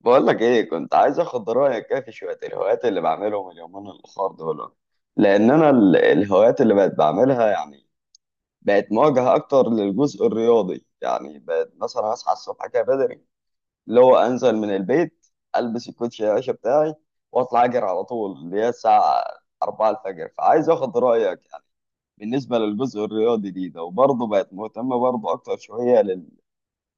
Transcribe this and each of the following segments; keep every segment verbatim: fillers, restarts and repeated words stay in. بقول لك ايه، كنت عايز اخد رايك كده في شويه الهوايات اللي بعملهم اليومين الاخر دول. لان انا ال- الهوايات اللي بقت بعملها، يعني بقت مواجهه اكتر للجزء الرياضي. يعني بقت مثلا اصحى الصبح كده بدري، اللي هو انزل من البيت، البس الكوتشي يا باشا بتاعي، واطلع اجري على طول، اللي هي الساعه أربعة الفجر. فعايز اخد رايك يعني بالنسبه للجزء الرياضي دي. ده وبرضه بقت مهتمه برضه اكتر شويه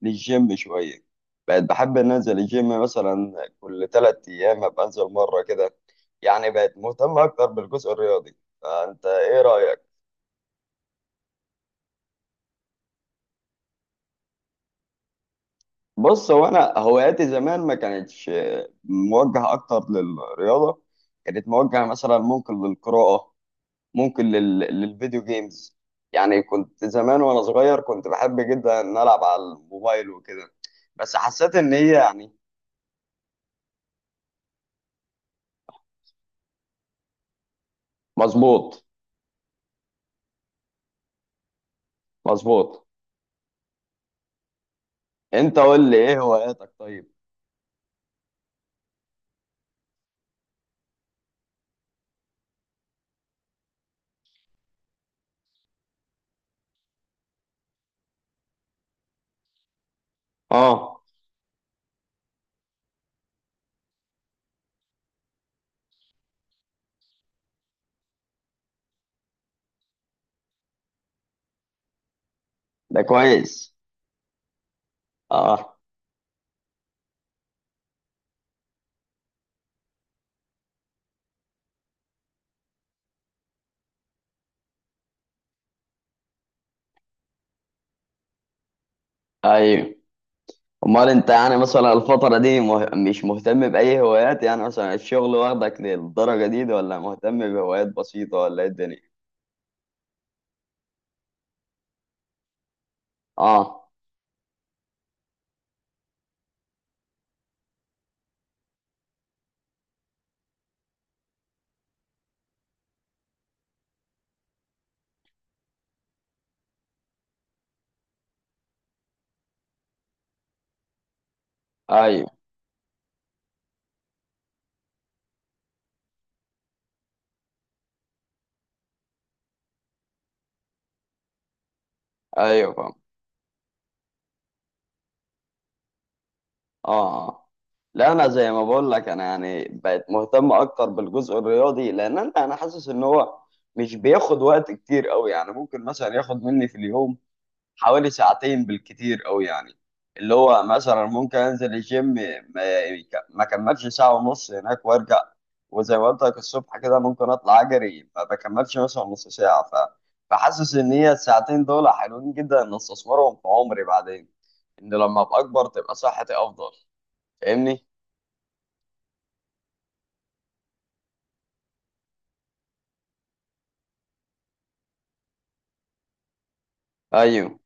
للجيم شوية. بقيت بحب إن أنزل الجيم مثلا كل تلات أيام، أبقى أنزل مرة كده. يعني بقيت مهتم أكتر بالجزء الرياضي، فأنت إيه رأيك؟ بص، هو أنا هواياتي زمان ما كانتش موجهة أكتر للرياضة. كانت موجهة مثلا ممكن للقراءة، ممكن لل... للفيديو جيمز. يعني كنت زمان وأنا صغير كنت بحب جدا إن ألعب على الموبايل وكده. بس حسيت إن هي يعني. مظبوط. مظبوط. أنت قول لي إيه هواياتك، طيب؟ اه. ده كويس. اه. ايوه. امال انت يعني مثلا الفترة دي مه... مش مهتم بأي هوايات؟ يعني مثلا الشغل واخدك للدرجة دي، ده ولا مهتم بهوايات بسيطة، ولا ايه الدنيا؟ اه. ايوه. ايوه فاهم. اه. اه. لا، انا زي ما بقول لك، انا يعني بقيت مهتم اكتر بالجزء الرياضي لان انا انا حاسس ان هو مش بياخد وقت كتير قوي. يعني ممكن مثلا ياخد مني في اليوم حوالي ساعتين بالكتير قوي يعني. اللي هو مثلا ممكن انزل الجيم ما ما كملش ساعة ونص هناك وارجع. وزي ما قلت لك الصبح كده ممكن اطلع اجري، ما بكملش مثلا نص ساعة. ف... فحاسس ان هي الساعتين دول حلوين جدا، ان استثمرهم في عمري بعدين، ان لما ابقى اكبر تبقى صحتي افضل. فاهمني؟ ايوه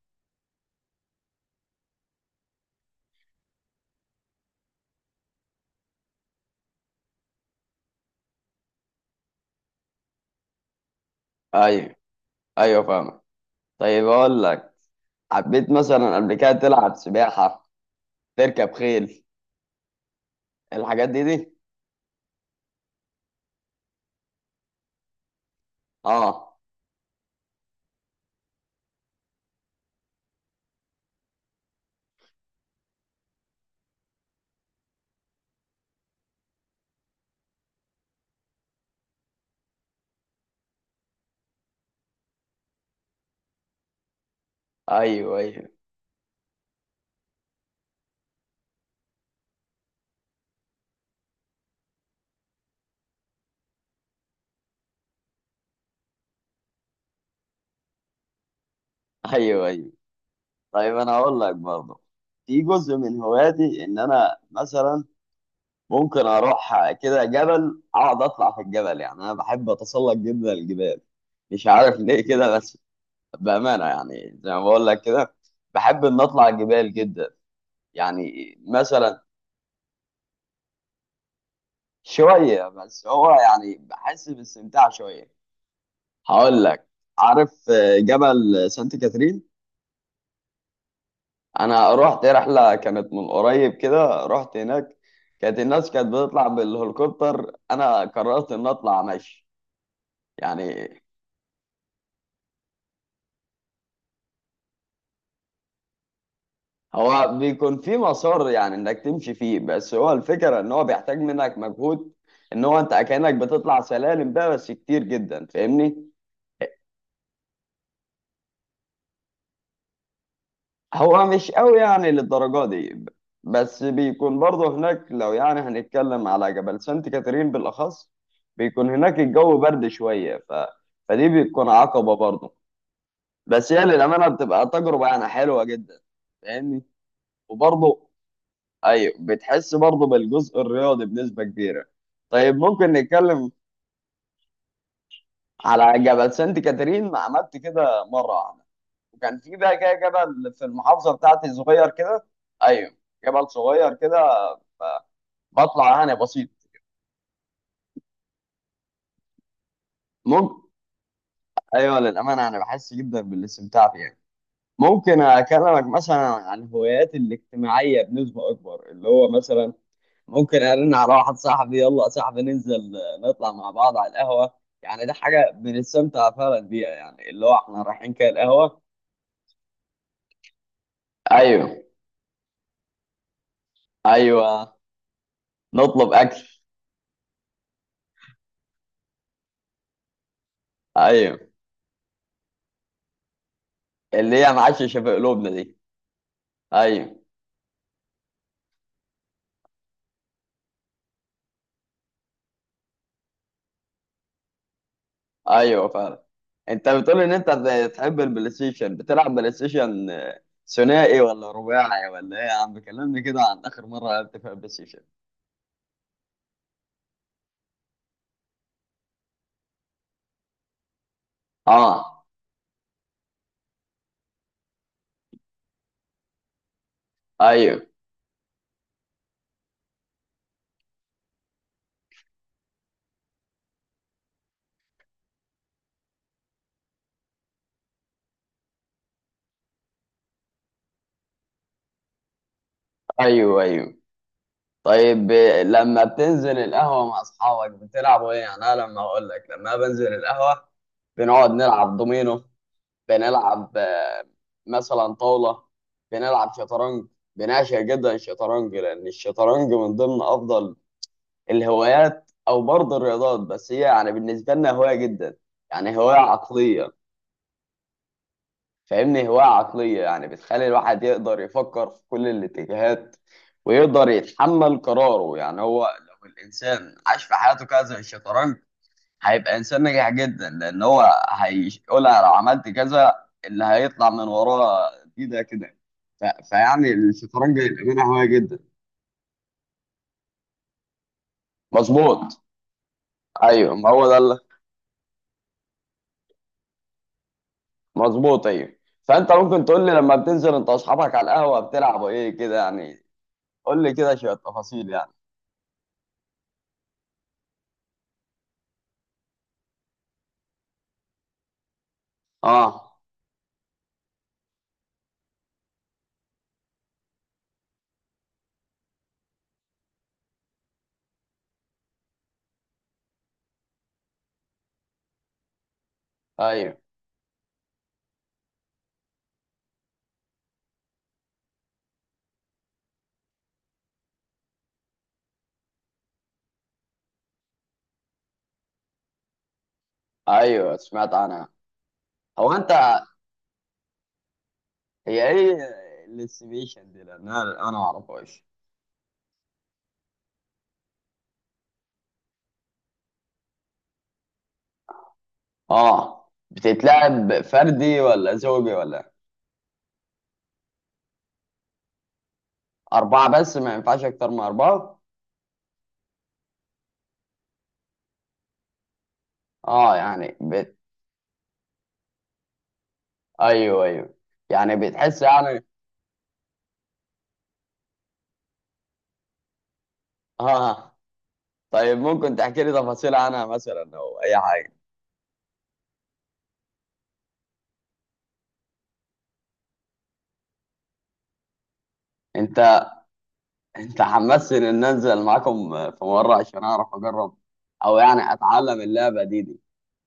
ايوه. ايوه فاهمك. طيب، اقول لك. حبيت مثلا قبل كده تلعب سباحة، تركب خيل، الحاجات دي دي. اه. ايوه. ايوه. ايوه. ايوه. طيب، انا هقول لك برضه في جزء من هواياتي ان انا مثلا ممكن اروح كده جبل، اقعد اطلع في الجبل. يعني انا بحب اتسلق جدا الجبال، مش عارف ليه كده بس. بامانه يعني زي ما بقول لك كده، بحب ان اطلع الجبال جدا. يعني مثلا، شويه بس، هو يعني بحس باستمتاع شويه. هقول لك. عارف جبل سانت كاترين؟ انا رحت رحله كانت من قريب كده، رحت هناك. كانت الناس كانت بتطلع بالهليكوبتر، انا قررت ان اطلع مشي. يعني هو بيكون في مسار يعني انك تمشي فيه، بس هو الفكره ان هو بيحتاج منك مجهود. ان هو انت كانك بتطلع سلالم بقى، بس كتير جدا، فاهمني. هو مش قوي يعني للدرجة دي. بس بيكون برضه هناك، لو يعني هنتكلم على جبل سانت كاترين بالأخص، بيكون هناك الجو برد شوية. ف... فدي بتكون عقبة برضه. بس هي للأمانة بتبقى تجربة يعني حلوة جدا. فاهمني. وبرضه أيوه بتحس برضه بالجزء الرياضي بنسبة كبيرة. طيب، ممكن نتكلم، على جبل سانت كاترين ما عملت كده مرة واحدة. وكان في بقى كده جبل في المحافظة بتاعتي صغير كده. أيوه. جبل صغير كده بطلع انا بسيط. ممكن. ايوه للامانه انا بحس جدا بالاستمتاع فيها. ممكن اكلمك مثلا عن هواياتي الاجتماعيه بنسبه اكبر، اللي هو مثلا ممكن ارن على واحد صاحبي، يلا يا صاحبي ننزل، نطلع مع بعض على القهوه. يعني ده حاجه بنستمتع فعلا بيها، يعني اللي هو احنا رايحين كده القهوه. ايوه. ايوه، نطلب اكل. ايوه. اللي هي معاش شبه قلوبنا دي. ايوه. ايوه فعلا. انت بتقول ان انت بتحب البلاي ستيشن، بتلعب بلاي ستيشن آه، ثنائي ولا رباعي ولا ايه؟ يا عم كلمني كده عن اخر مره لعبت فيها بلاي ستيشن. اه. ايوه. ايوه. ايوه. طيب، آه، لما بتنزل القهوه مع اصحابك بتلعبوا ايه؟ يعني انا لما اقول لك، لما بنزل القهوه بنقعد نلعب دومينو، بنلعب آه، مثلا طاوله، بنلعب شطرنج. بنعشق جدا الشطرنج، لان الشطرنج من ضمن افضل الهوايات، او برضه الرياضات، بس هي يعني بالنسبه لنا هوايه جدا، يعني هوايه عقليه. فاهمني، هوايه عقليه يعني بتخلي الواحد يقدر يفكر في كل الاتجاهات، ويقدر يتحمل قراره. يعني هو لو الانسان عاش في حياته كذا زي الشطرنج، هيبقى انسان ناجح جدا، لان هو هيقول أنا لو عملت كذا اللي هيطلع من وراه دي. ده كده. ف... فيعني الشطرنج للامانه هوايه جدا. مظبوط. ايوه ما هو ده. مظبوط. ايوه. فانت ممكن تقول لي لما بتنزل انت واصحابك على القهوه بتلعبوا ايه كده يعني، قول لي كده شويه تفاصيل يعني. اه. ايوه. ايوه سمعت عنها. هو انت، هي ايه الاستيميشن دي؟ لان انا أنا ما اعرفهاش. اه بتتلعب فردي ولا زوجي ولا اربعه، بس ما ينفعش اكتر من اربعه. اه يعني بت... ايوه. ايوه يعني بتحس يعني. اه. طيب ممكن تحكي لي تفاصيل عنها مثلا او اي حاجه؟ انت، انت حمسني ان انزل معاكم في مره عشان اعرف اجرب، او يعني اتعلم اللعبه دي دي.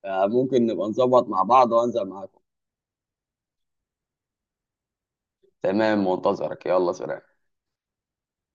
فممكن نبقى نظبط مع بعض وانزل معاكم. تمام منتظرك، يلا سلام.